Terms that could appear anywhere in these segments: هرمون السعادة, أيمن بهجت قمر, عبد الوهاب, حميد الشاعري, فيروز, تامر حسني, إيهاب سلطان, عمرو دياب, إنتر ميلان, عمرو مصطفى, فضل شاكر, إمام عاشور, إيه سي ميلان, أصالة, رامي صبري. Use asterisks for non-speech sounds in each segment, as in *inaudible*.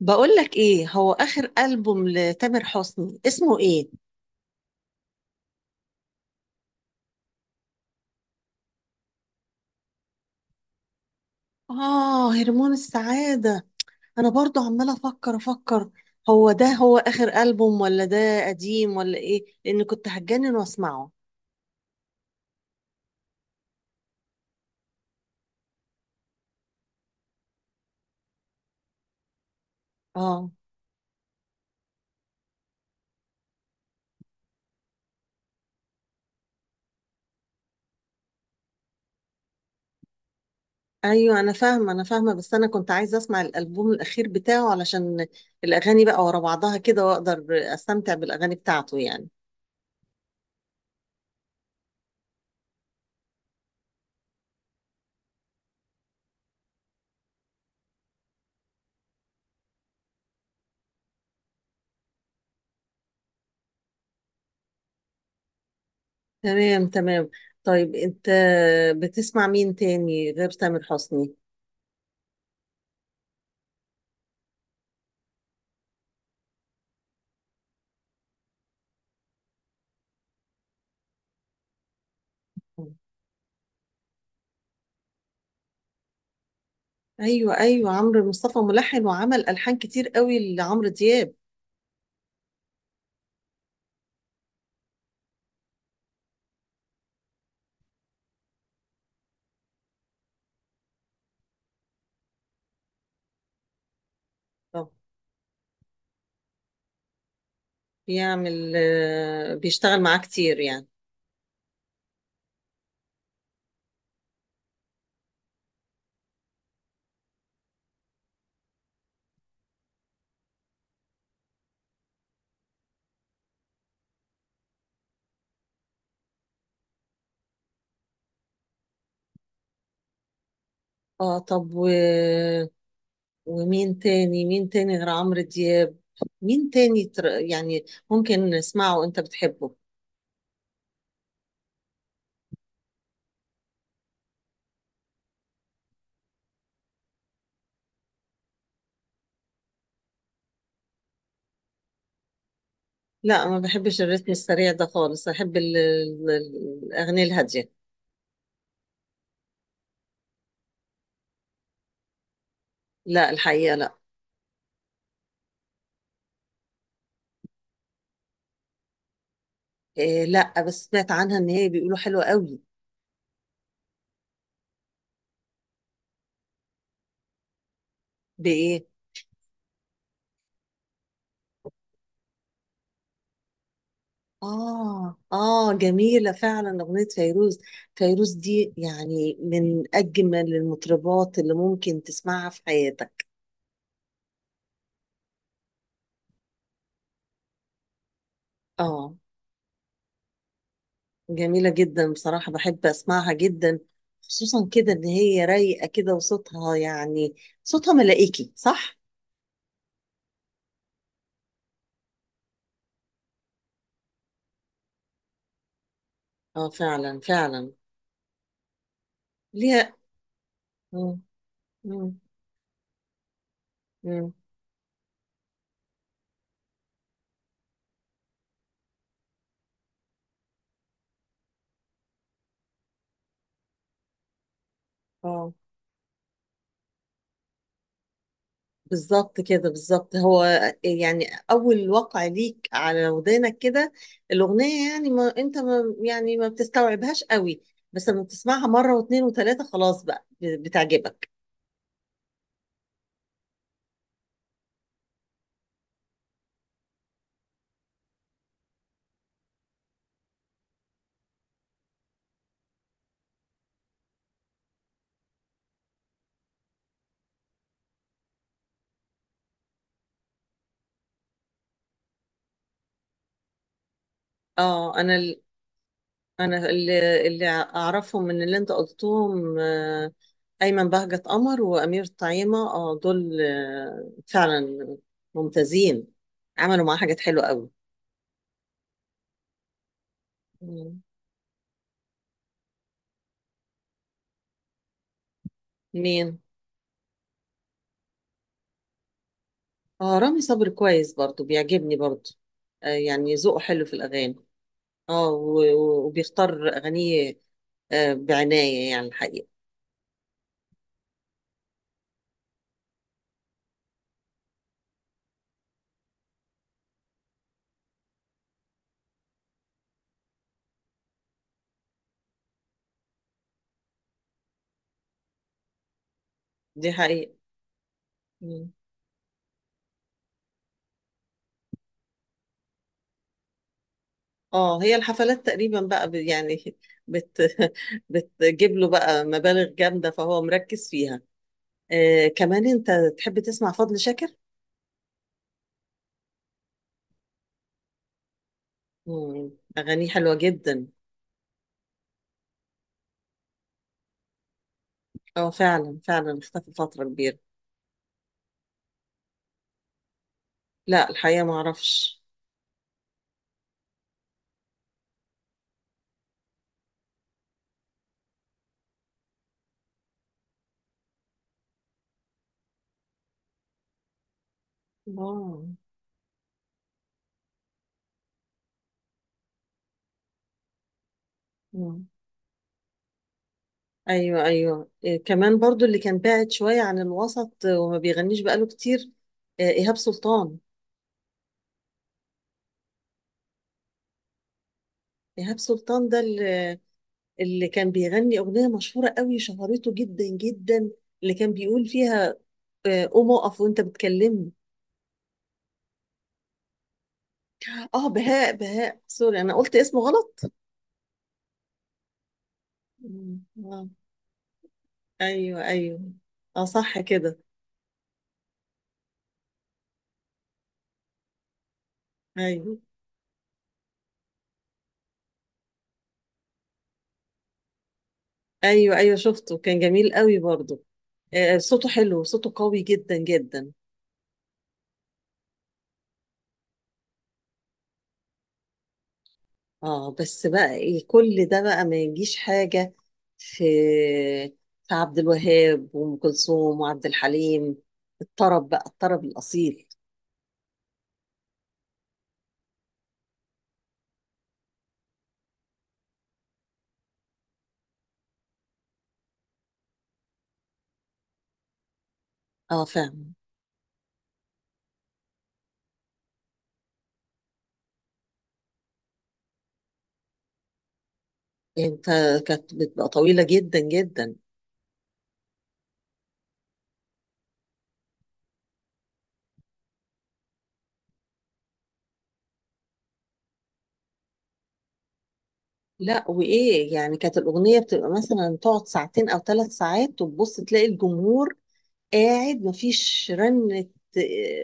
بقول لك ايه هو اخر البوم لتامر حسني اسمه ايه؟ اه، هرمون السعادة. انا برضو عمالة افكر افكر. هو ده هو اخر البوم ولا ده قديم ولا ايه، لان كنت هتجنن واسمعه؟ اه. ايوه، انا فاهمة انا فاهمة، بس انا كنت عايزة اسمع الالبوم الاخير بتاعه علشان الاغاني بقى ورا بعضها كده، واقدر استمتع بالاغاني بتاعته يعني. تمام، تمام. طيب، انت بتسمع مين تاني غير تامر حسني؟ ايوه، ايوه، عمرو مصطفى ملحن وعمل الحان كتير قوي لعمرو دياب. طب بيعمل آه، بيشتغل معاه كتير يعني؟ اه، طب ومين تاني، مين تاني غير عمرو دياب؟ مين تاني يعني ممكن نسمعه وانت بتحبه؟ لا، ما بحبش الريتم السريع ده خالص، احب الاغنية الهادية. لا، الحقيقة لا. إيه، لا بس سمعت عنها ان هي بيقولوا حلوة قوي. بايه؟ آه، آه، جميلة فعلا أغنية فيروز. فيروز دي يعني من أجمل المطربات اللي ممكن تسمعها في حياتك. آه. جميلة جدا بصراحة، بحب أسمعها جدا، خصوصا كده إن هي رايقة كده وصوتها يعني، صوتها ملائكي صح؟ آه، فعلا فعلا. ليها. مم. مم. مم. آه، بالظبط كده، بالظبط هو، يعني اول وقع ليك على ودانك كده الاغنيه يعني ما انت ما يعني ما بتستوعبهاش قوي، بس لما بتسمعها مره واثنين وثلاثه خلاص بقى بتعجبك. اه، انا انا اللي اعرفهم من اللي انت قلتهم، ايمن بهجت قمر وامير طعيمه، اه، دول فعلا ممتازين، عملوا معاه حاجات حلوه قوي. مم. مين؟ اه، رامي صبري كويس برضو، بيعجبني برضو. آه، يعني ذوقه حلو في الأغاني. اه، و- و- وبيختار أغانيه آه بعناية يعني الحقيقة. دي حقيقة. مم. اه، هي الحفلات تقريبا بقى يعني بت *laughs* بتجيب له بقى مبالغ جامدة فهو مركز فيها. آه، كمان انت تحب تسمع فضل شاكر؟ مم. أغانيه حلوة جدا. اه، فعلا فعلا اختفى فترة كبيرة. لا الحقيقة ما اعرفش. اه، ايوه ايوه، إيه كمان برضو اللي كان بعد شويه عن الوسط وما بيغنيش بقاله كتير، ايهاب سلطان. ايهاب سلطان ده اللي كان بيغني اغنيه مشهوره قوي، شهرته جدا جدا، اللي كان بيقول فيها قوم اقف وانت بتكلمني. اه، بهاء، بهاء، سوري انا قلت اسمه غلط. مم، آه. ايوه، ايوه، اه، صح كده. ايوه، ايوه، ايوه، شفته كان جميل قوي برضو، صوته حلو، صوته قوي جدا جدا. اه، بس بقى إيه، كل ده بقى ما يجيش حاجة، في في عبد الوهاب وأم كلثوم وعبد الحليم، الطرب بقى، الطرب الأصيل. اه، فاهم. انت كانت بتبقى طويلة جدا جدا، لا وإيه يعني كانت الأغنية بتبقى مثلا تقعد ساعتين أو ثلاث ساعات وتبص تلاقي الجمهور قاعد، مفيش رنة،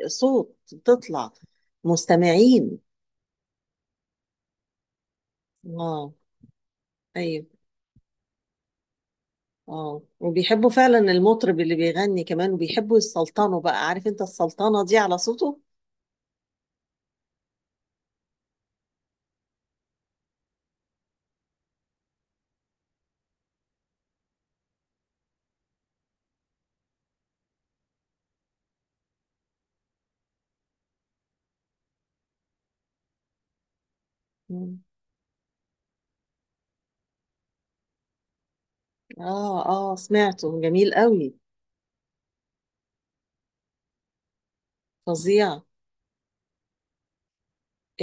صوت بتطلع، مستمعين. اه، أيوه. اه، وبيحبوا فعلا المطرب اللي بيغني كمان، وبيحبوا يسلطنوا بقى، عارف انت السلطنة دي على صوته. مم. اه، اه، سمعته جميل قوي، فظيع.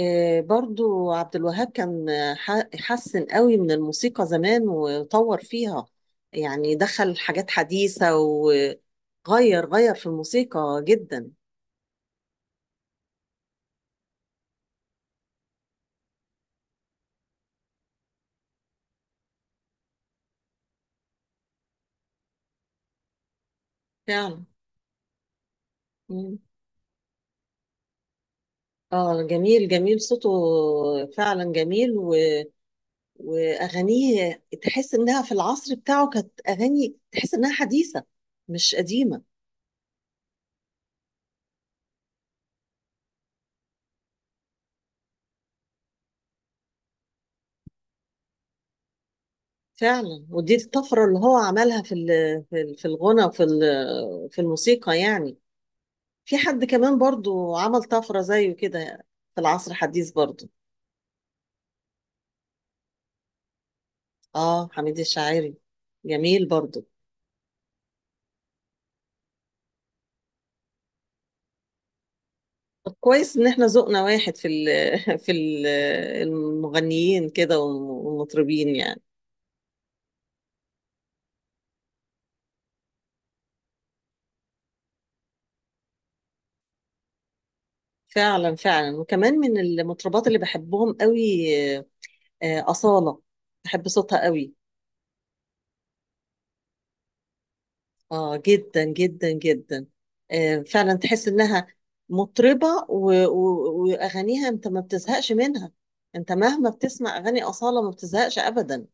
آه، برضو عبد الوهاب كان حسن قوي من الموسيقى زمان وطور فيها، يعني دخل حاجات حديثة وغير غير في الموسيقى جدا. فعلا. مم. اه، جميل جميل صوته، فعلا جميل، واغانيه تحس انها في العصر بتاعه كانت اغاني تحس انها حديثه، مش قديمه. فعلا ودي الطفره اللي هو عملها في الغنى وفي ال- في الموسيقى يعني. في حد كمان برضو عمل طفره زيه كده في العصر الحديث برضو؟ اه، حميد الشاعري، جميل برضو. طب كويس ان احنا ذوقنا واحد في *laughs* في المغنيين كده والمطربين يعني. فعلا فعلا، وكمان من المطربات اللي بحبهم قوي أصالة، بحب صوتها قوي. اه، جدا جدا جدا. فعلا تحس انها مطربة و- و- واغانيها انت ما بتزهقش منها، انت مهما بتسمع اغاني أصالة ما بتزهقش ابدا.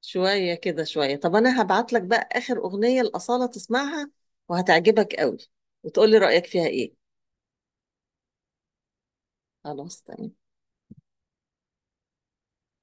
شوية كده شوية، طب انا هبعت لك بقى اخر اغنية لأصالة تسمعها وهتعجبك قوي، وتقولي رأيك فيها ايه. خلاص، تمام.